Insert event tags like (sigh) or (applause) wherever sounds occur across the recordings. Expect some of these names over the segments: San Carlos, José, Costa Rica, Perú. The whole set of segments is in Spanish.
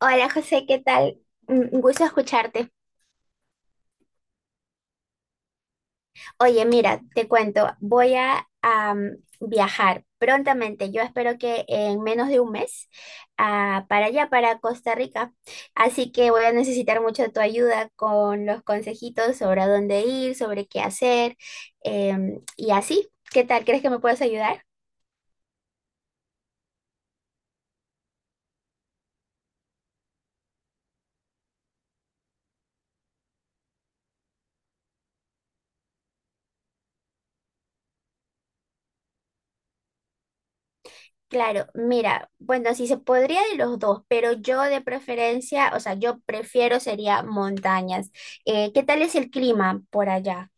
Hola José, ¿qué tal? Un gusto escucharte. Oye, mira, te cuento, viajar prontamente. Yo espero que en menos de un mes para allá, para Costa Rica. Así que voy a necesitar mucho de tu ayuda con los consejitos sobre a dónde ir, sobre qué hacer y así. ¿Qué tal? ¿Crees que me puedes ayudar? Claro, mira, bueno, si se podría de los dos, pero yo de preferencia, o sea, yo prefiero sería montañas. ¿Qué tal es el clima por allá?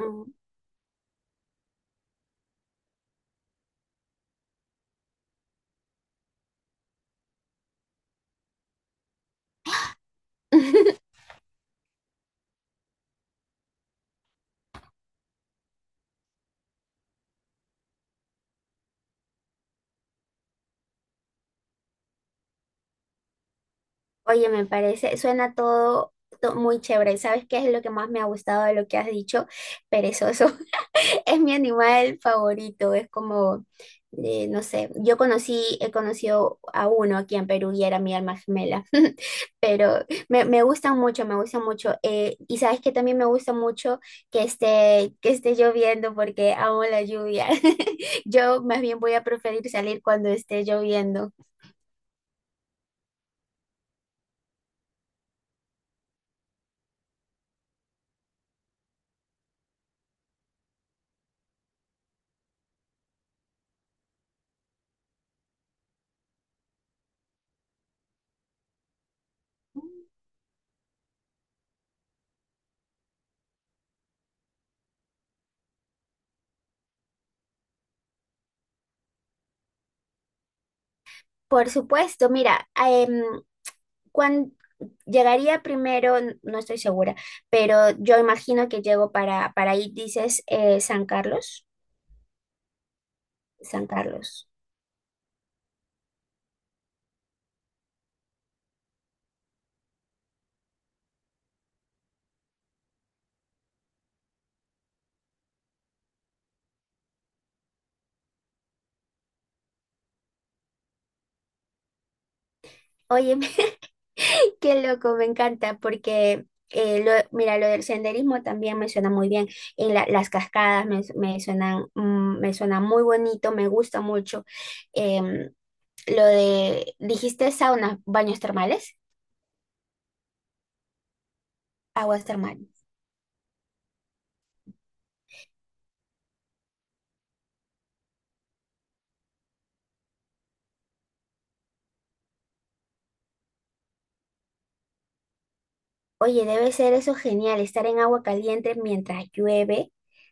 Mm. Oye, me parece, suena muy chévere. ¿Sabes qué es lo que más me ha gustado de lo que has dicho? Perezoso. (laughs) Es mi animal favorito. Es como, no sé, he conocido a uno aquí en Perú y era mi alma gemela. (laughs) Pero me gustan mucho, me gustan mucho. Y sabes que también me gusta mucho que esté lloviendo porque amo la lluvia. (laughs) Yo más bien voy a preferir salir cuando esté lloviendo. Por supuesto, mira, cuán- llegaría primero, no estoy segura, pero yo imagino que llego para ahí, dices, San Carlos, San Carlos. Oye, (laughs) qué loco, me encanta mira, lo del senderismo también me suena muy bien. Las cascadas me suenan, me suena muy bonito, me gusta mucho. Em, lo de, dijiste saunas, baños termales, aguas termales. Oye, debe ser eso genial, estar en agua caliente mientras llueve.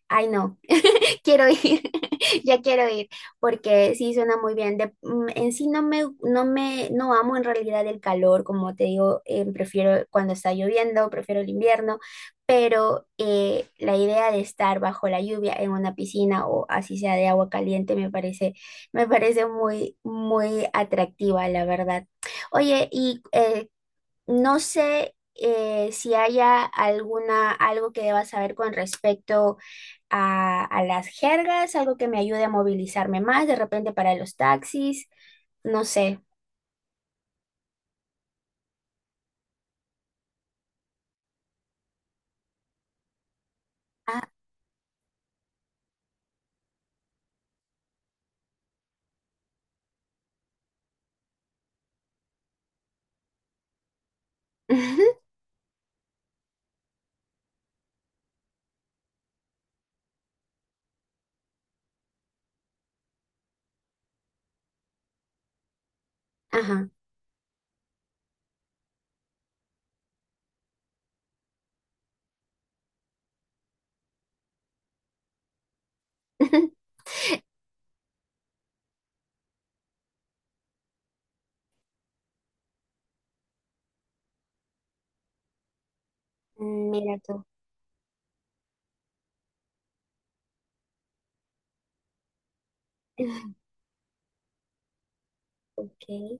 Ay, no, (laughs) quiero ir, (laughs) ya quiero ir, porque sí suena muy bien. En sí no amo en realidad el calor, como te digo, prefiero cuando está lloviendo, prefiero el invierno, pero la idea de estar bajo la lluvia en una piscina o así sea de agua caliente me parece muy, muy atractiva, la verdad. Oye, y no sé si haya alguna, algo que deba saber con respecto a las jergas, algo que me ayude a movilizarme más, de repente para los taxis, no sé. Ah, (laughs) ajá. (laughs) Mira tú. (laughs) Okay.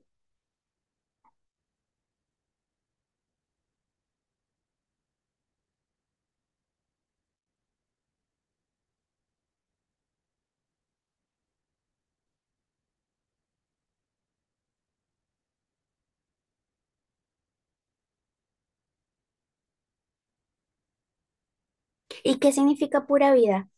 ¿Y qué significa pura vida?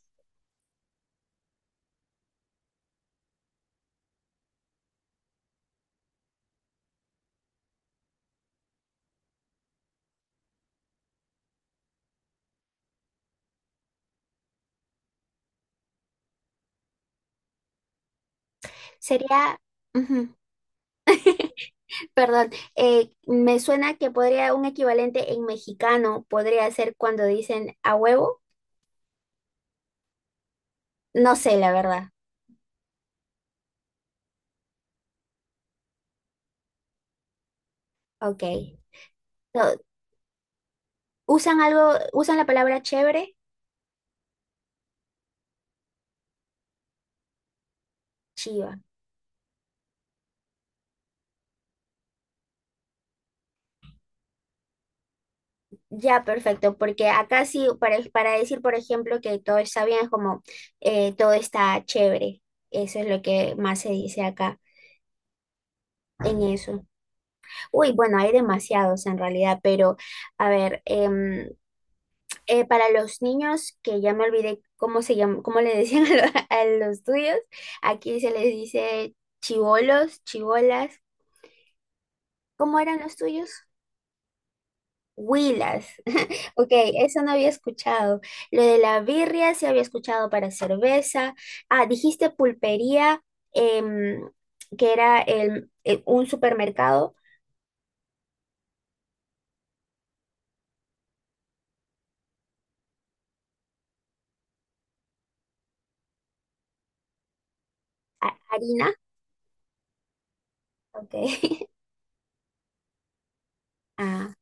Sería, ujú, perdón, me suena que podría un equivalente en mexicano podría ser cuando dicen a huevo. No sé, la verdad. Ok. Usan algo, usan la palabra chévere, chiva. Ya, perfecto, porque acá sí, para decir, por ejemplo, que todo está bien, es como todo está chévere. Eso es lo que más se dice acá en eso. Uy, bueno, hay demasiados en realidad, pero a ver, para los niños, que ya me olvidé cómo se llama, cómo le decían (laughs) a los tuyos, aquí se les dice chivolos, chivolas. ¿Cómo eran los tuyos? Huilas. (laughs) Ok, eso no había escuchado. Lo de la birria sí había escuchado para cerveza. Ah, dijiste pulpería, em, que era un supermercado. Harina, ok. (laughs) Ah,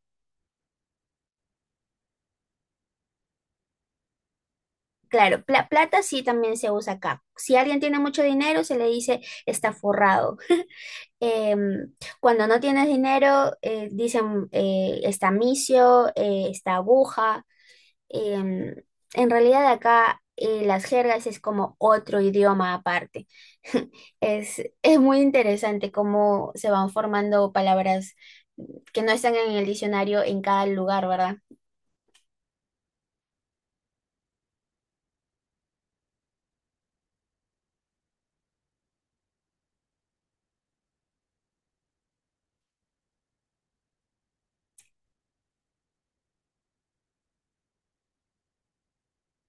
claro, plata sí también se usa acá. Si alguien tiene mucho dinero, se le dice está forrado. (laughs) Em, cuando no tienes dinero, dicen está misio, está aguja. Em, en realidad acá las jergas es como otro idioma aparte. (laughs) Es muy interesante cómo se van formando palabras que no están en el diccionario en cada lugar, ¿verdad?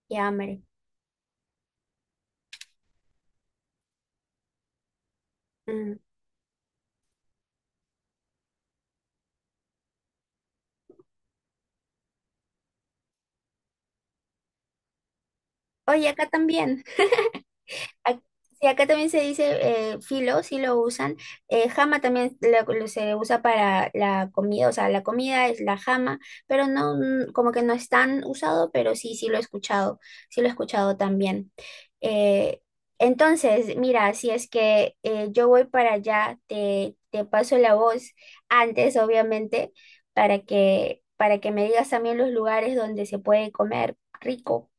Ya, hombre. Mm. Oye, acá también. Ac- sí, acá también se dice filo, sí lo usan. Jama también se usa para la comida, o sea, la comida es la jama, pero no, como que no es tan usado, pero sí, sí lo he escuchado, sí lo he escuchado también. Eh, entonces, mira, si es que yo voy para allá, te paso la voz antes, obviamente, para que me digas también los lugares donde se puede comer rico.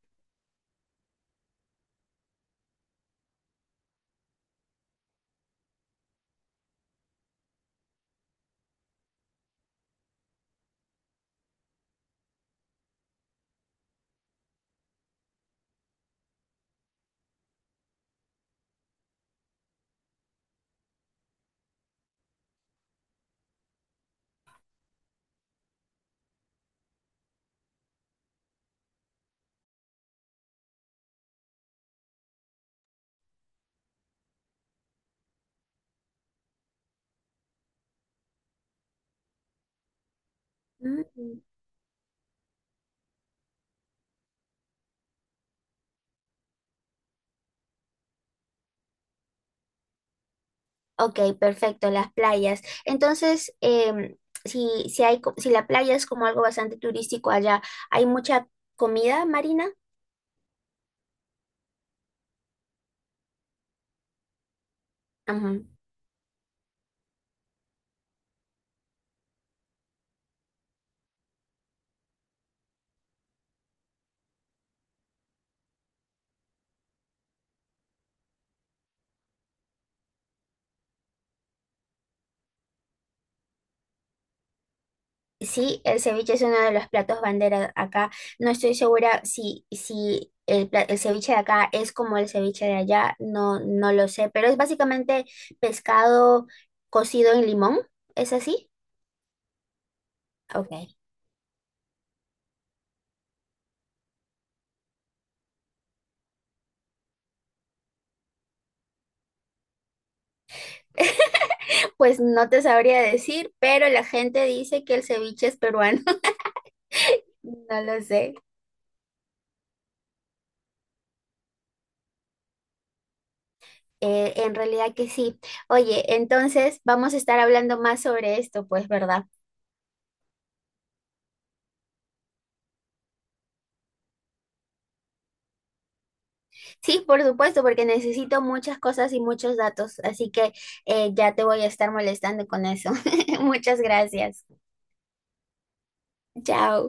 Mm. Ok, perfecto, las playas. Entonces, em, si hay, si la playa es como algo bastante turístico allá, ¿hay mucha comida marina? Ajá. Sí, el ceviche es uno de los platos bandera acá. No estoy segura si el ceviche de acá es como el ceviche de allá, no, no lo sé, pero es básicamente pescado cocido en limón, ¿es así? Ok. (laughs) Pues no te sabría decir, pero la gente dice que el ceviche es peruano. No lo sé. En realidad que sí. Oye, entonces vamos a estar hablando más sobre esto, pues, ¿verdad? Sí, por supuesto, porque necesito muchas cosas y muchos datos, así que ya te voy a estar molestando con eso. (laughs) Muchas gracias. Chao.